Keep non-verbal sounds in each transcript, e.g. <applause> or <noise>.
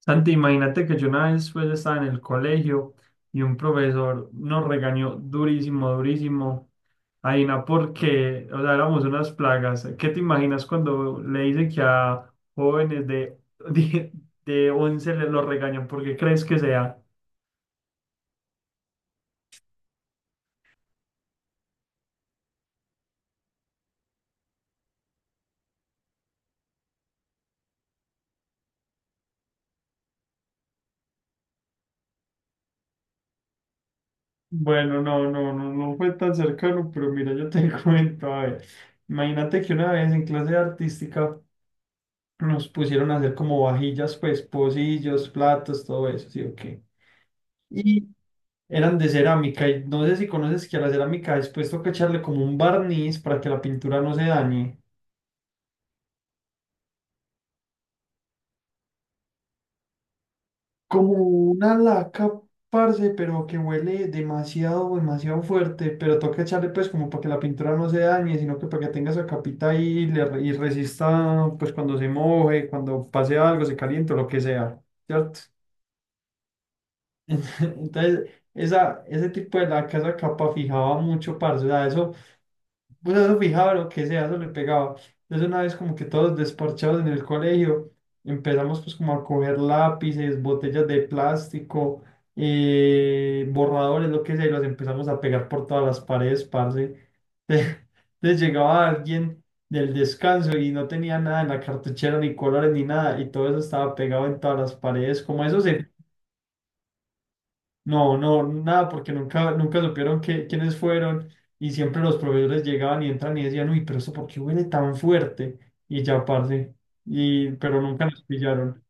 Santi, imagínate que yo una vez pues estaba en el colegio y un profesor nos regañó durísimo, durísimo. Aina, porque, o sea, éramos unas plagas. ¿Qué te imaginas cuando le dicen que a jóvenes de, <laughs> de, de 11 les lo regañan? ¿Por qué crees que sea? Bueno, no fue tan cercano, pero mira, yo te <laughs> cuento, a ver, imagínate que una vez en clase de artística nos pusieron a hacer como vajillas, pues, pocillos, platos, todo eso, ¿sí o qué? Eran de cerámica y no sé si conoces que a la cerámica después toca echarle como un barniz para que la pintura no se dañe. Como una laca, parce, pero que huele demasiado, demasiado fuerte, pero toca echarle pues como para que la pintura no se dañe, sino que para que tenga esa capita ahí y, y resista pues cuando se moje, cuando pase algo, se caliente o lo que sea, ¿cierto? <laughs> Entonces, ese tipo de laca, esa capa fijaba mucho, parce, o sea, eso. Vos eso fijado lo que sea, eso le pegaba. Entonces una vez como que todos desparchados en el colegio, empezamos pues como a coger lápices, botellas de plástico, borradores, lo que sea, y los empezamos a pegar por todas las paredes, parce. <laughs> Entonces llegaba alguien del descanso y no tenía nada en la cartuchera, ni colores, ni nada, y todo eso estaba pegado en todas las paredes. Como eso se no, no, nada, porque nunca supieron quiénes fueron, y siempre los proveedores llegaban y entran y decían, uy, pero eso ¿por qué huele tan fuerte? Y ya, parce, pero nunca nos pillaron.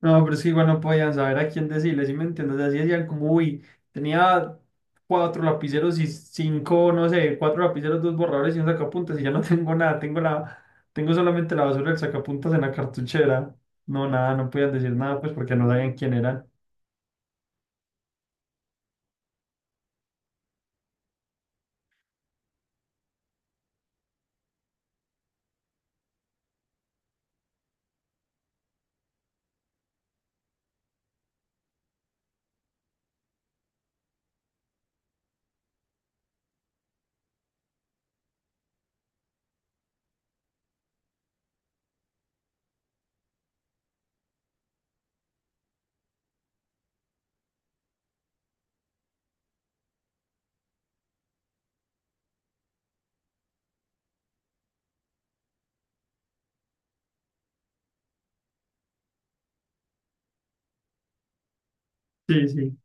No, pero es que igual no podían saber a quién decirles, ¿sí me entiendes? Así decían como, uy, tenía cuatro lapiceros y cinco, no sé, cuatro lapiceros, dos borradores y un sacapuntas y ya no <laughs> tengo nada, tengo la, tengo solamente la basura del sacapuntas en la cartuchera. No, nada, no podían decir nada, pues porque no sabían quién eran. Sí, sí.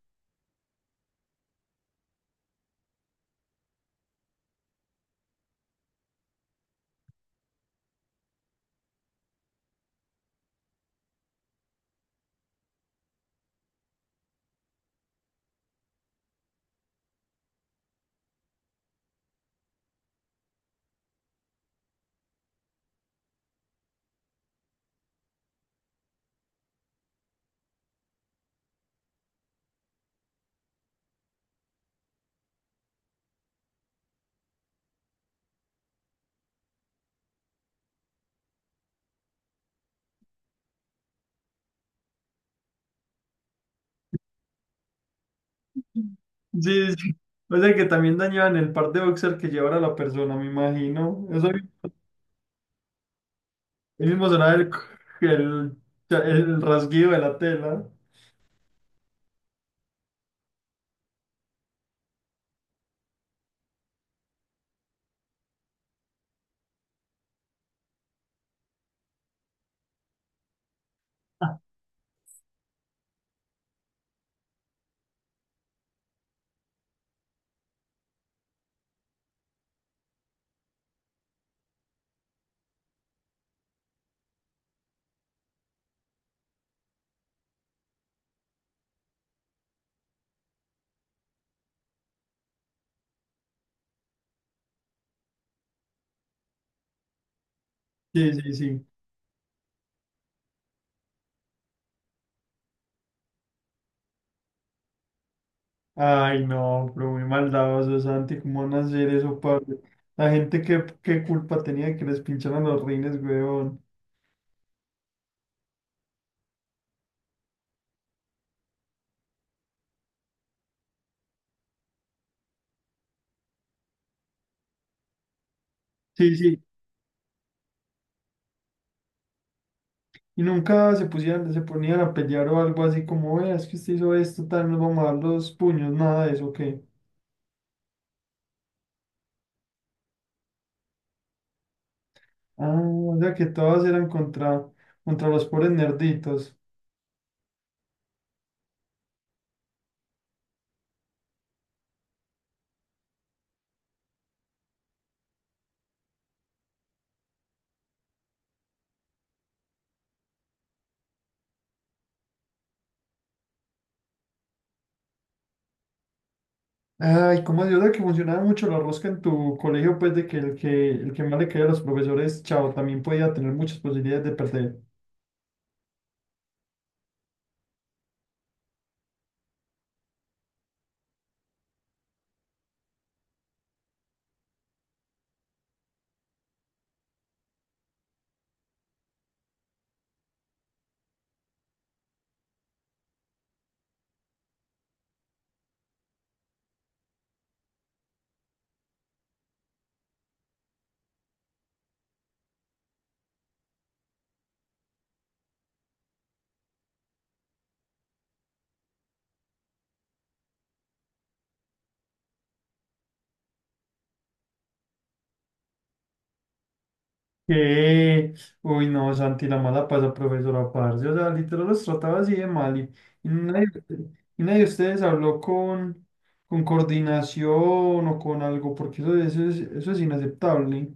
Sí, sí, sí. O sea que también dañaban el par de boxer que llevara la persona, me imagino. Eso el mismo sonaba el, el rasguido de la tela. Sí, sí, sí. Ay, no, pero muy maldadoso, Santi, ¿cómo van a hacer eso, padre? La gente, ¿qué culpa tenía de que les pincharan los rines, weón? Sí, sí. Y nunca se pusieran, se ponían a pelear o algo así como, "Vea, es que usted hizo esto, tal, nos vamos a dar los puños, nada de eso, ¿qué? Ah, o sea que todas eran contra los pobres nerditos. Ay, ¿cómo así? O sea que funcionaba mucho la rosca en tu colegio, pues de que el que más le caía a los profesores, chao, también podía tener muchas posibilidades de perder. ¿Qué? Uy, no, Santi, la mala pasa, profesora Parce. O sea, literal los trataba así de mal. Y, y nadie, y nadie de ustedes habló con coordinación o con algo, porque eso es inaceptable.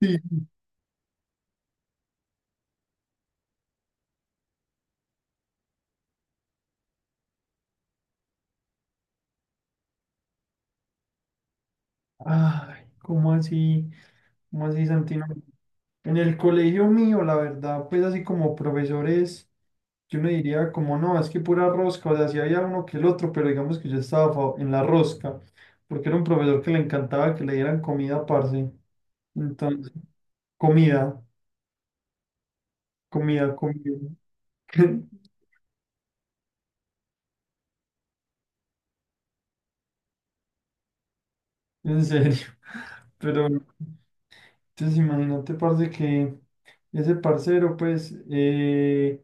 Sí. Ay, ¿cómo así? ¿Cómo así, Santino? En el colegio mío, la verdad, pues así como profesores, yo no diría como no, es que pura rosca, o sea, sí había uno que el otro, pero digamos que yo estaba en la rosca, porque era un profesor que le encantaba que le dieran comida, parce. Entonces, comida, comida, comida. <laughs> En serio. Pero, entonces imagínate, parce, que ese parcero, pues, eh,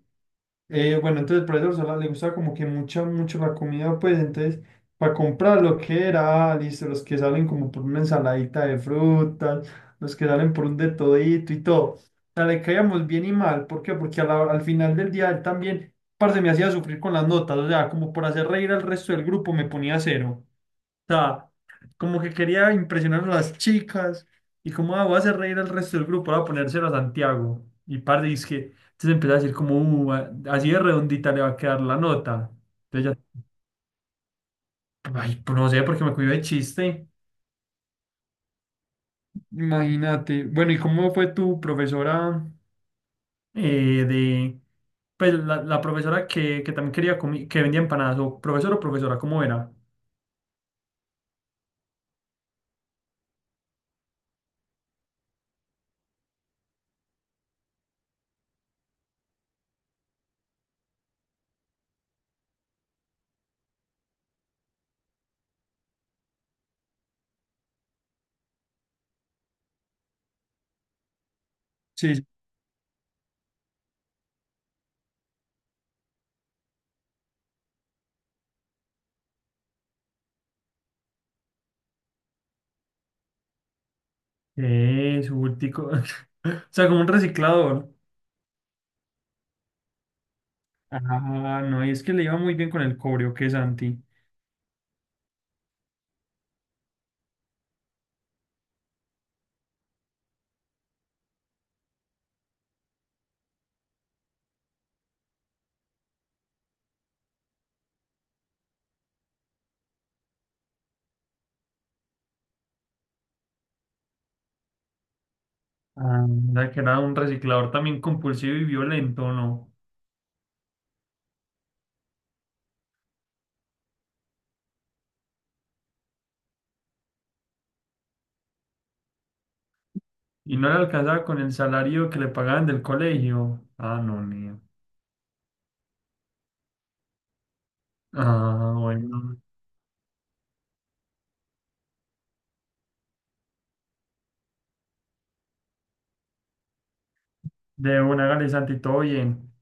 Eh, bueno, entonces por eso Sola le gustaba como que mucho la comida, pues entonces para comprar lo que era, listo, los que salen como por una ensaladita de frutas, los que salen por un de todito y todo. O sea, le caíamos bien y mal, ¿por qué? Porque al final del día él también, parce, me hacía sufrir con las notas, o sea, como por hacer reír al resto del grupo me ponía cero sea, como que quería impresionar a las chicas y como ah, voy a hacer reír al resto del grupo, voy a ponérselo a Santiago. Y parte es que entonces empezó a decir como, así de redondita le va a quedar la nota. Entonces ya, ay, pues no sé, porque me cuido de chiste. Imagínate. Bueno, ¿y cómo fue tu profesora eh, de, pues la profesora que también quería que vendía empanadas, o profesor o profesora, ¿cómo era? Sí, es bultico. <laughs> O sea, como un reciclador. Ah, no, y es que le iba muy bien con el cobrio, que Santi. Anda, que era un reciclador también compulsivo y violento, ¿no? Y no le alcanzaba con el salario que le pagaban del colegio. Ah, no, mío. Ah, bueno. De una, hágale, Santi, todo bien.